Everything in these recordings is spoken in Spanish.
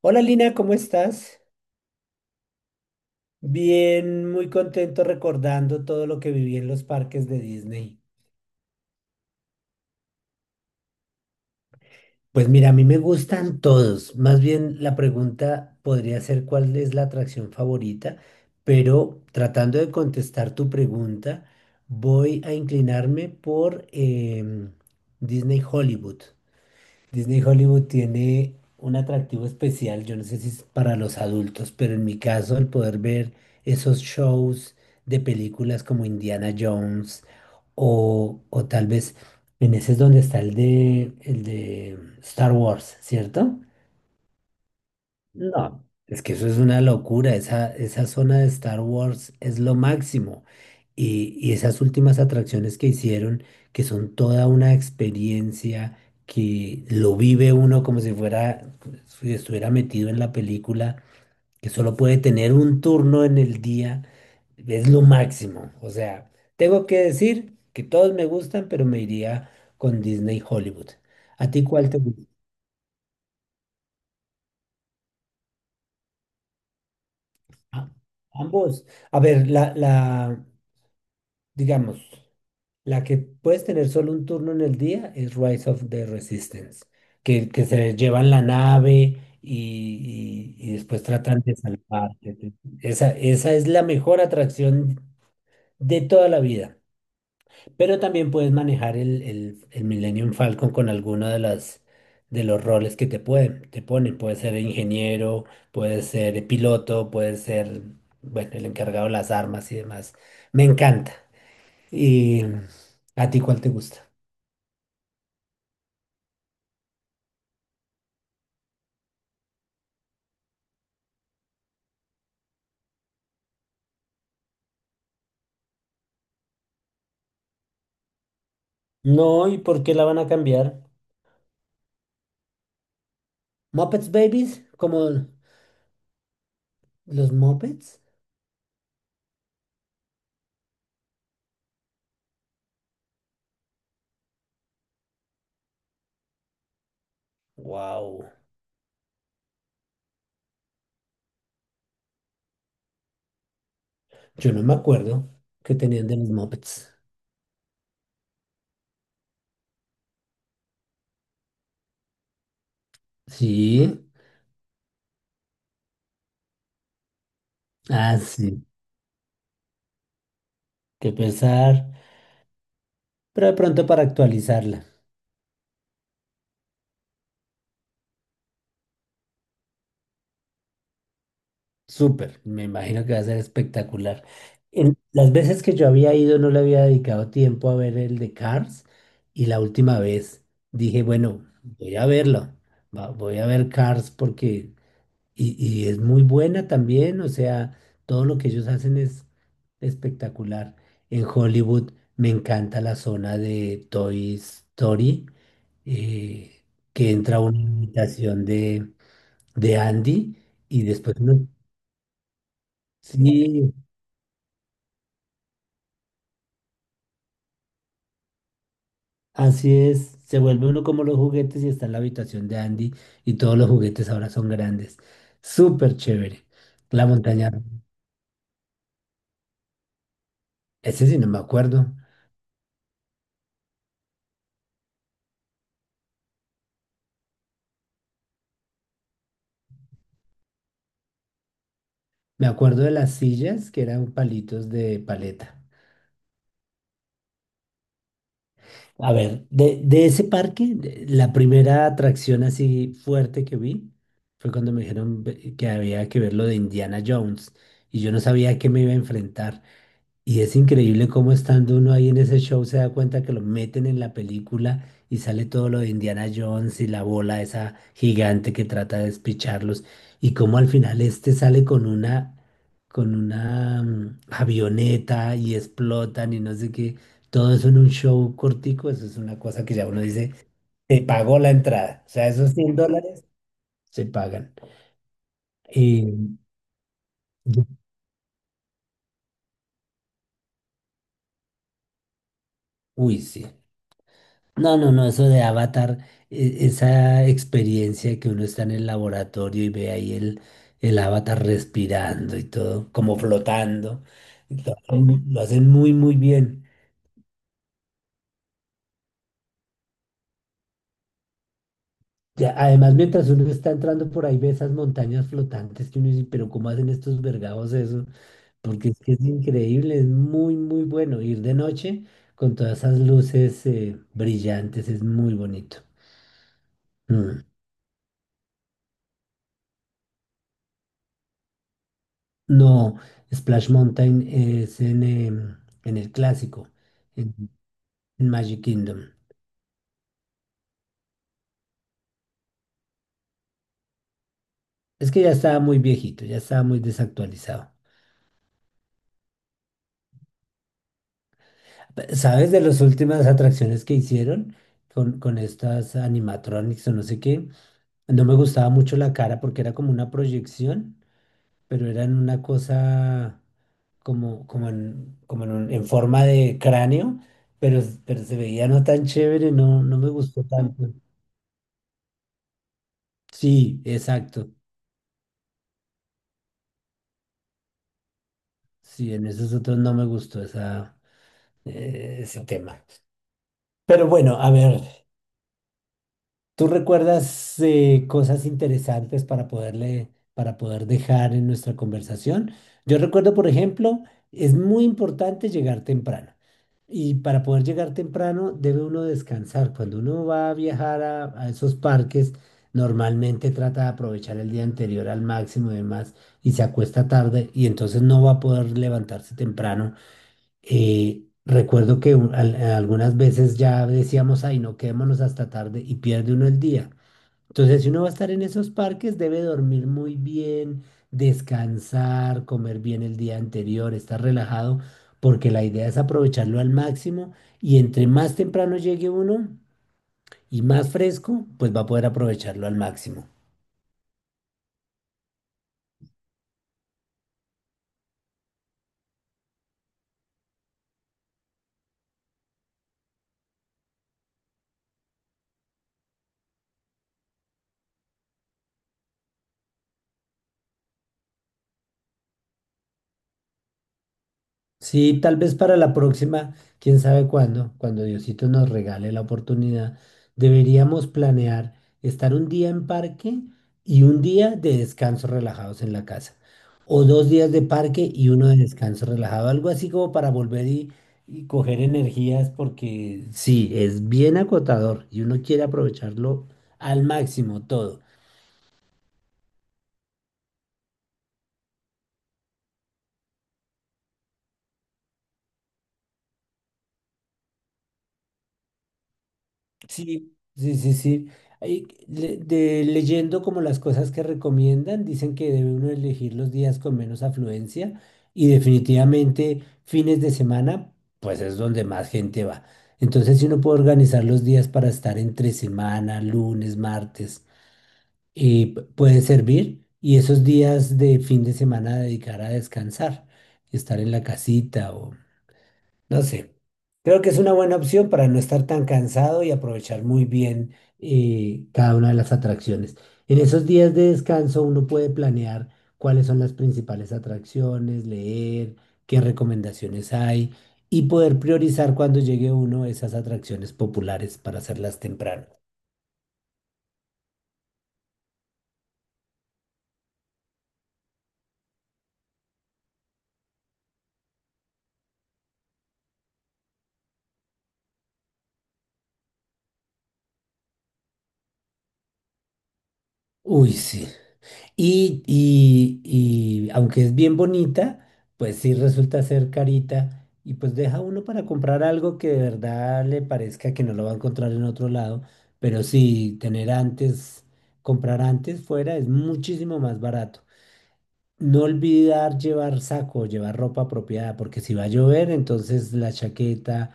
Hola Lina, ¿cómo estás? Bien, muy contento recordando todo lo que viví en los parques de Disney. Pues mira, a mí me gustan todos. Más bien la pregunta podría ser cuál es la atracción favorita, pero tratando de contestar tu pregunta, voy a inclinarme por Disney Hollywood. Disney Hollywood tiene un atractivo especial, yo no sé si es para los adultos, pero en mi caso el poder ver esos shows de películas como Indiana Jones o tal vez en ese es donde está el de Star Wars, ¿cierto? No, es que eso es una locura. Esa zona de Star Wars es lo máximo. Y esas últimas atracciones que hicieron, que son toda una experiencia, que lo vive uno como si fuera, si estuviera metido en la película, que solo puede tener un turno en el día, es lo máximo. O sea, tengo que decir que todos me gustan, pero me iría con Disney Hollywood. ¿A ti cuál te gusta? Ah, ambos. A ver, digamos, la que puedes tener solo un turno en el día es Rise of the Resistance, que se llevan la nave y después tratan de salvarte. Esa es la mejor atracción de toda la vida. Pero también puedes manejar el Millennium Falcon con alguno de las de los roles que te ponen. Puedes ser ingeniero, puedes ser piloto, puedes ser, bueno, el encargado de las armas y demás. Me encanta. ¿Y a ti cuál te gusta? No, ¿y por qué la van a cambiar? ¿Muppets Babies? ¿Como los Muppets? Wow. Yo no me acuerdo que tenían de los Muppets. Sí. Ah, sí. Qué pesar. Pero de pronto para actualizarla. Súper. Me imagino que va a ser espectacular. En, las veces que yo había ido no le había dedicado tiempo a ver el de Cars. Y la última vez dije, bueno, voy a verlo. Voy a ver Cars porque y es muy buena también, o sea, todo lo que ellos hacen es espectacular. En Hollywood me encanta la zona de Toy Story, eh, que entra una imitación de Andy y después uno, sí, así es, se vuelve uno como los juguetes y está en la habitación de Andy y todos los juguetes ahora son grandes. Súper chévere. La montaña, ese sí no me acuerdo. Me acuerdo de las sillas que eran palitos de paleta. A ver, de ese parque, la primera atracción así fuerte que vi fue cuando me dijeron que había que ver lo de Indiana Jones y yo no sabía a qué me iba a enfrentar. Y es increíble cómo estando uno ahí en ese show se da cuenta que lo meten en la película y sale todo lo de Indiana Jones y la bola esa gigante que trata de despicharlos y cómo al final este sale con una avioneta y explotan y no sé qué. Todo eso en un show cortico, eso es una cosa que ya uno dice, se pagó la entrada. O sea, esos $100 se pagan. Y, uy, sí. No, no, no, eso de Avatar, esa experiencia que uno está en el laboratorio y ve ahí el Avatar respirando y todo, como flotando, y lo, lo hacen muy, muy bien. Ya, además, mientras uno está entrando por ahí, ve esas montañas flotantes que uno dice, pero ¿cómo hacen estos vergados eso? Porque es que es increíble, es muy, muy bueno ir de noche con todas esas luces brillantes, es muy bonito. Mm. No, Splash Mountain es en el clásico, en, en Magic Kingdom. Es que ya estaba muy viejito, ya estaba muy desactualizado. ¿Sabes de las últimas atracciones que hicieron con estas animatronics o no sé qué? No me gustaba mucho la cara porque era como una proyección, pero era en una cosa en forma de cráneo, pero se veía no tan chévere, no, no me gustó tanto. Sí, exacto. Sí, en esos otros no me gustó esa, ese tema. Pero bueno, a ver, ¿tú recuerdas cosas interesantes para para poder dejar en nuestra conversación? Yo recuerdo, por ejemplo, es muy importante llegar temprano. Y para poder llegar temprano debe uno descansar. Cuando uno va a viajar a esos parques, normalmente trata de aprovechar el día anterior al máximo y demás, y se acuesta tarde y entonces no va a poder levantarse temprano. Recuerdo que algunas veces ya decíamos, ay, no quedémonos hasta tarde y pierde uno el día. Entonces, si uno va a estar en esos parques, debe dormir muy bien, descansar, comer bien el día anterior, estar relajado, porque la idea es aprovecharlo al máximo y entre más temprano llegue uno y más fresco, pues va a poder aprovecharlo al máximo. Sí, tal vez para la próxima, quién sabe cuándo, cuando Diosito nos regale la oportunidad, deberíamos planear estar un día en parque y un día de descanso relajados en la casa. O dos días de parque y uno de descanso relajado, algo así como para volver y coger energías, porque sí, es bien acotador y uno quiere aprovecharlo al máximo todo. Sí, sí, sí, sí. Ahí leyendo como las cosas que recomiendan, dicen que debe uno elegir los días con menos afluencia y definitivamente fines de semana, pues es donde más gente va. Entonces, si uno puede organizar los días para estar entre semana, lunes, martes, puede servir y esos días de fin de semana dedicar a descansar, estar en la casita no sé, creo que es una buena opción para no estar tan cansado y aprovechar muy bien cada una de las atracciones. En esos días de descanso uno puede planear cuáles son las principales atracciones, leer qué recomendaciones hay y poder priorizar cuando llegue uno esas atracciones populares para hacerlas temprano. Uy, sí. Y aunque es bien bonita, pues sí resulta ser carita y pues deja uno para comprar algo que de verdad le parezca que no lo va a encontrar en otro lado, pero sí tener antes, comprar antes fuera es muchísimo más barato. No olvidar llevar saco, llevar ropa apropiada, porque si va a llover, entonces la chaqueta,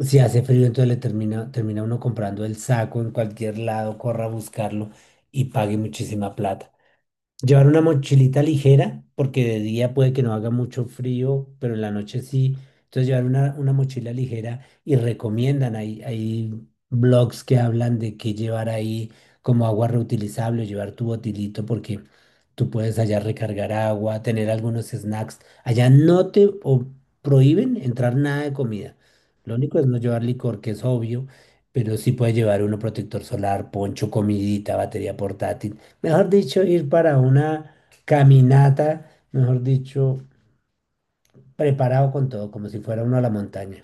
si hace frío, entonces termina uno comprando el saco en cualquier lado, corra a buscarlo y pague muchísima plata. Llevar una mochilita ligera, porque de día puede que no haga mucho frío, pero en la noche sí. Entonces llevar una mochila ligera y recomiendan, hay blogs que hablan de que llevar ahí como agua reutilizable, llevar tu botilito, porque tú puedes allá recargar agua, tener algunos snacks. Allá no te o- prohíben entrar nada de comida. Lo único es no llevar licor, que es obvio, pero sí puedes llevar uno protector solar, poncho, comidita, batería portátil. Mejor dicho, ir para una caminata, mejor dicho, preparado con todo, como si fuera uno a la montaña.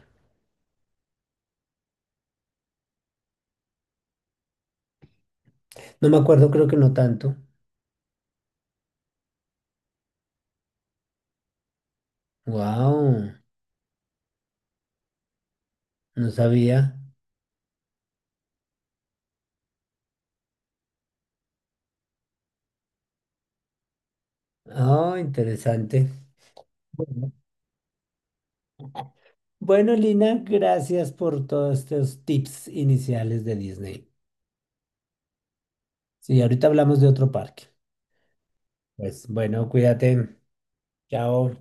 No me acuerdo, creo que no tanto. Wow, no sabía. Oh, interesante. Bueno, Bueno, Lina, gracias por todos estos tips iniciales de Disney. Sí, ahorita hablamos de otro parque. Pues bueno, cuídate. Chao.